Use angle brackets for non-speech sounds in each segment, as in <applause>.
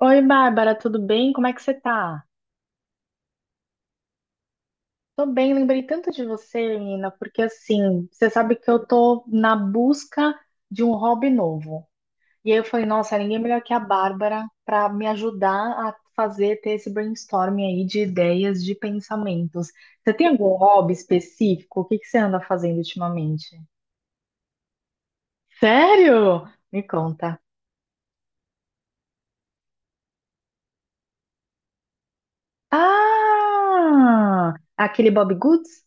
Oi, Bárbara, tudo bem? Como é que você tá? Tô bem, lembrei tanto de você, menina, porque assim, você sabe que eu tô na busca de um hobby novo. E aí eu falei, nossa, ninguém é melhor que a Bárbara pra me ajudar a fazer, ter esse brainstorming aí de ideias, de pensamentos. Você tem algum hobby específico? O que que você anda fazendo ultimamente? Sério? Me conta. Ah! Aquele Bob Goods?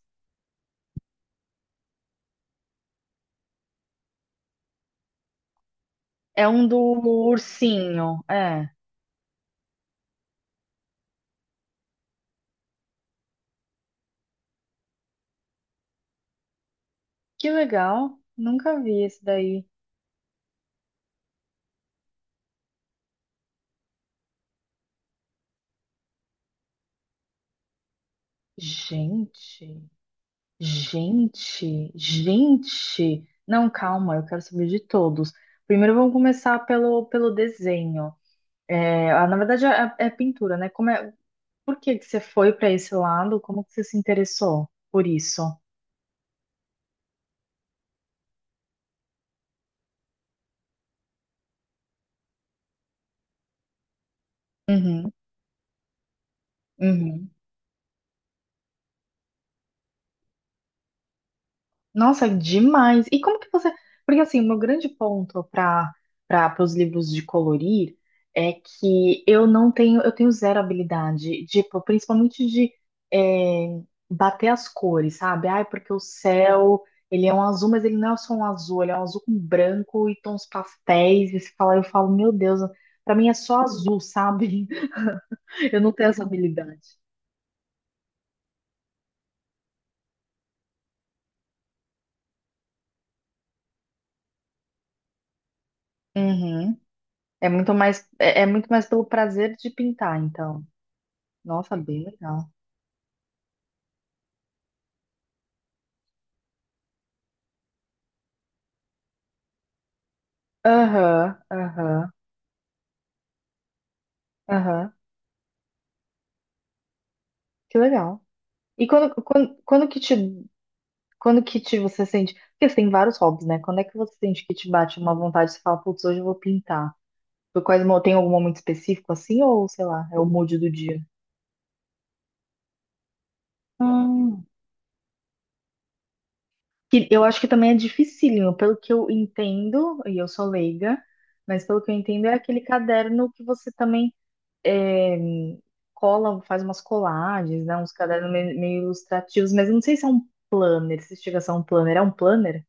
É um do ursinho, é. Que legal. Nunca vi esse daí. Gente, gente, gente. Não, calma, eu quero saber de todos. Primeiro vamos começar pelo desenho. É, ah, na verdade é pintura, né? Como é, por que que você foi para esse lado? Como que você se interessou por isso? Uhum, uhum. Nossa, demais. E como que você. Porque assim, o meu grande ponto para os livros de colorir é que eu não tenho, eu tenho zero habilidade, tipo, principalmente de é, bater as cores, sabe? Ai, porque o céu, ele é um azul, mas ele não é só um azul, ele é um azul com branco e tons pastéis. E você fala, eu falo, meu Deus, para mim é só azul, sabe? <laughs> Eu não tenho essa habilidade. Uhum. É muito mais, é muito mais pelo prazer de pintar, então. Nossa, bem legal. Aham, aham, aham. Que legal. E quando que te você sente? Porque você tem vários hobbies, né? Quando é que você sente que te bate uma vontade, você fala, putz, hoje eu vou pintar. Por quais, mo- tem algum momento específico assim, ou sei lá, é o mood do dia? Hum. Que eu acho que também é dificílimo, pelo que eu entendo, e eu sou leiga, mas pelo que eu entendo é aquele caderno que você também é, cola, faz umas colagens, né? Uns cadernos meio ilustrativos, mas eu não sei se é um planner, se chega a ser um planner. É um planner?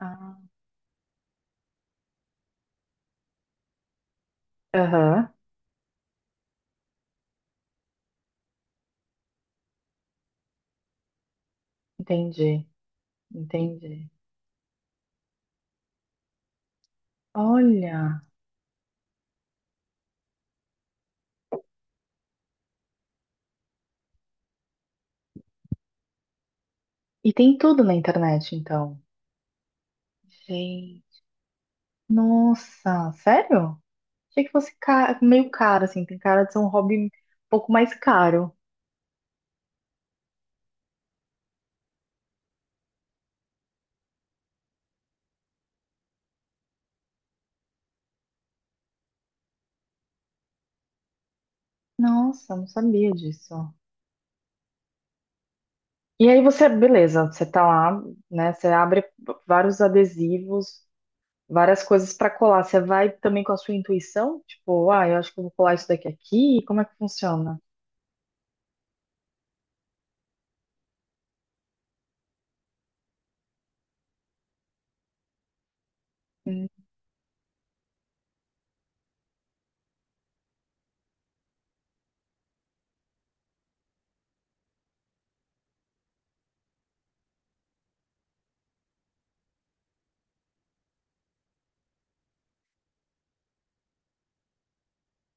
Ah. Aham, entendi, entendi. Olha, e tem tudo na internet, então. Gente, nossa, sério? Achei que fosse ca- meio caro, assim, tem cara de ser um hobby um pouco mais caro. Nossa, não sabia disso. E aí você, beleza, você tá lá, né? Você abre vários adesivos, várias coisas para colar. Você vai também com a sua intuição? Tipo, ah, eu acho que eu vou colar isso daqui aqui. Como é que funciona? Hum.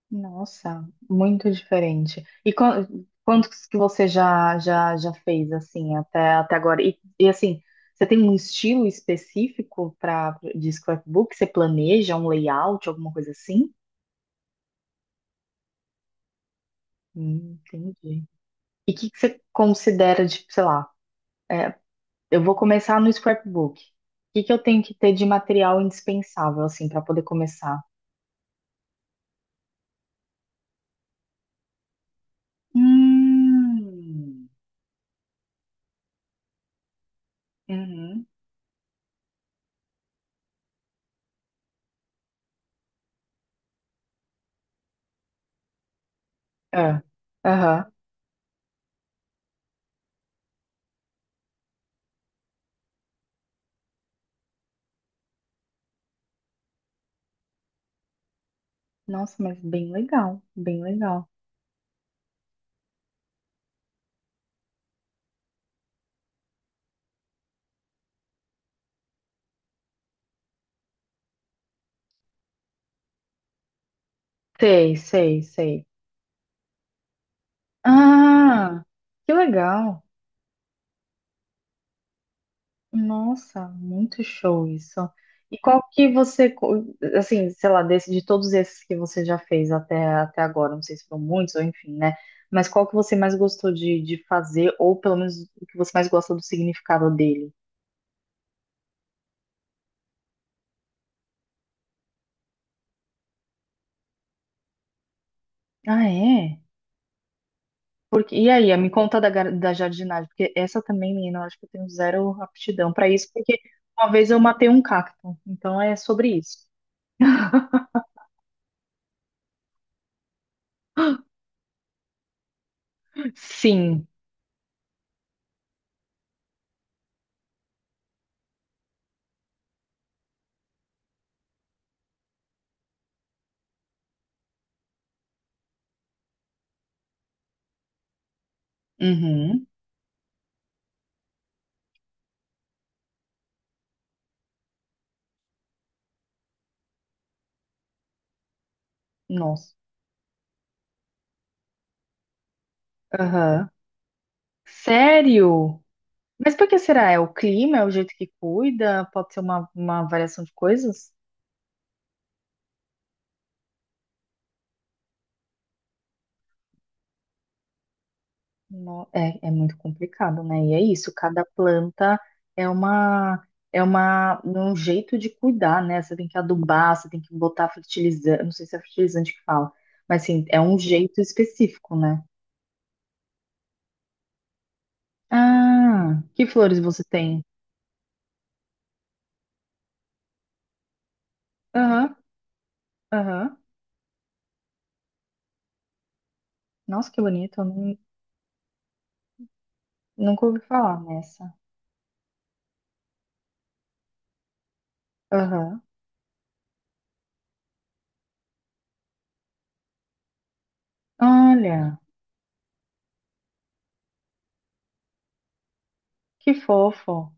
Nossa, muito diferente. E quan- quantos que você já fez assim até agora? E, assim, você tem um estilo específico para de scrapbook? Você planeja um layout, alguma coisa assim? Entendi. E o que que você considera de, sei lá, é, eu vou começar no scrapbook. O que que eu tenho que ter de material indispensável, assim, para poder começar? Hum. Uhum. É. Aham. Nossa, mas bem legal, bem legal. Sei, sei, sei. Ah, que legal. Nossa, muito show isso. E qual que você, co- assim, sei lá, desse, de todos esses que você já fez até agora, não sei se foram muitos ou enfim, né? Mas qual que você mais gostou de fazer, ou pelo menos o que você mais gosta do significado dele? Ah, é? Porque, e aí, me conta da, gar- da jardinagem, porque essa também, menina, eu acho que eu tenho zero aptidão pra isso, porque uma vez eu matei um cacto, então é sobre isso. <laughs> Sim. Uhum. Nossa. Aham. Sério? Mas por que será? É o clima? É o jeito que cuida? Pode ser uma variação de coisas? No- é, é muito complicado, né? E é isso, cada planta é uma é um jeito de cuidar, né? Você tem que adubar, você tem que botar fertilizante, não sei se é fertilizante que fala, mas assim, é um jeito específico, né? Ah, que flores você tem? Aham, aham. Nossa, que bonito, eu nun- nunca ouvi falar nessa. Aham. Olha, que fofo.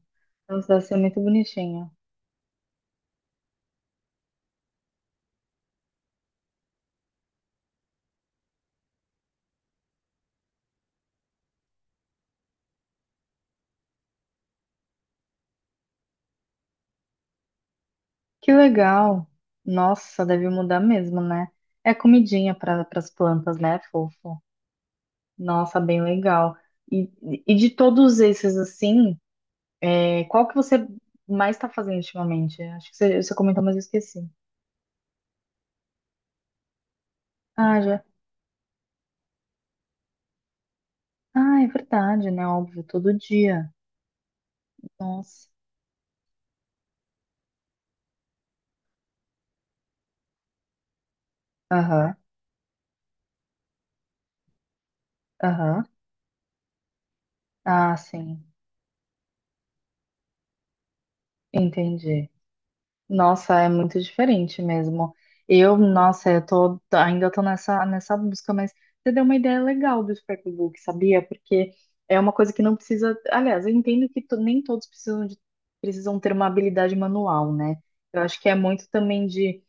Nossa, deve ser muito bonitinho. Que legal. Nossa, deve mudar mesmo, né? É comidinha para as plantas, né, fofo? Nossa, bem legal. E, e de todos esses, assim, é, qual que você mais está fazendo ultimamente? Acho que você, você comentou, mas eu esqueci. Ah, já. Ah, é verdade, né? Óbvio, todo dia. Nossa. Aham, aham. Ah, sim. Entendi. Nossa, é muito diferente mesmo. Eu, nossa, eu tô, tô- ainda tô nessa, nessa busca, mas você deu uma ideia legal do scrapbook, sabia? Porque é uma coisa que não precisa. Aliás, eu entendo que to- nem todos precisam, de, precisam ter uma habilidade manual, né? Eu acho que é muito também de,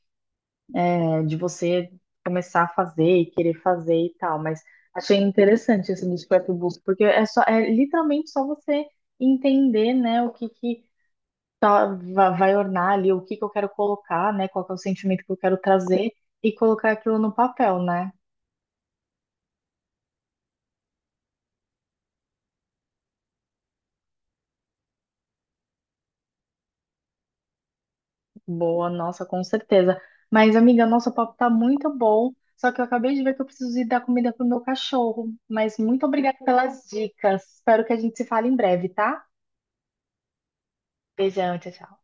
é, de você começar a fazer e querer fazer e tal, mas achei interessante esse do scrapbook, porque é só, é literalmente só você entender, né, o que que tá- va- vai ornar ali o que que eu quero colocar, né? Qual que é o sentimento que eu quero trazer e colocar aquilo no papel, né? Boa, nossa, com certeza. Mas, amiga, nosso papo tá muito bom, só que eu acabei de ver que eu preciso ir dar comida pro meu cachorro. Mas muito obrigada pelas dicas. Espero que a gente se fale em breve, tá? Beijão, tchau, tchau.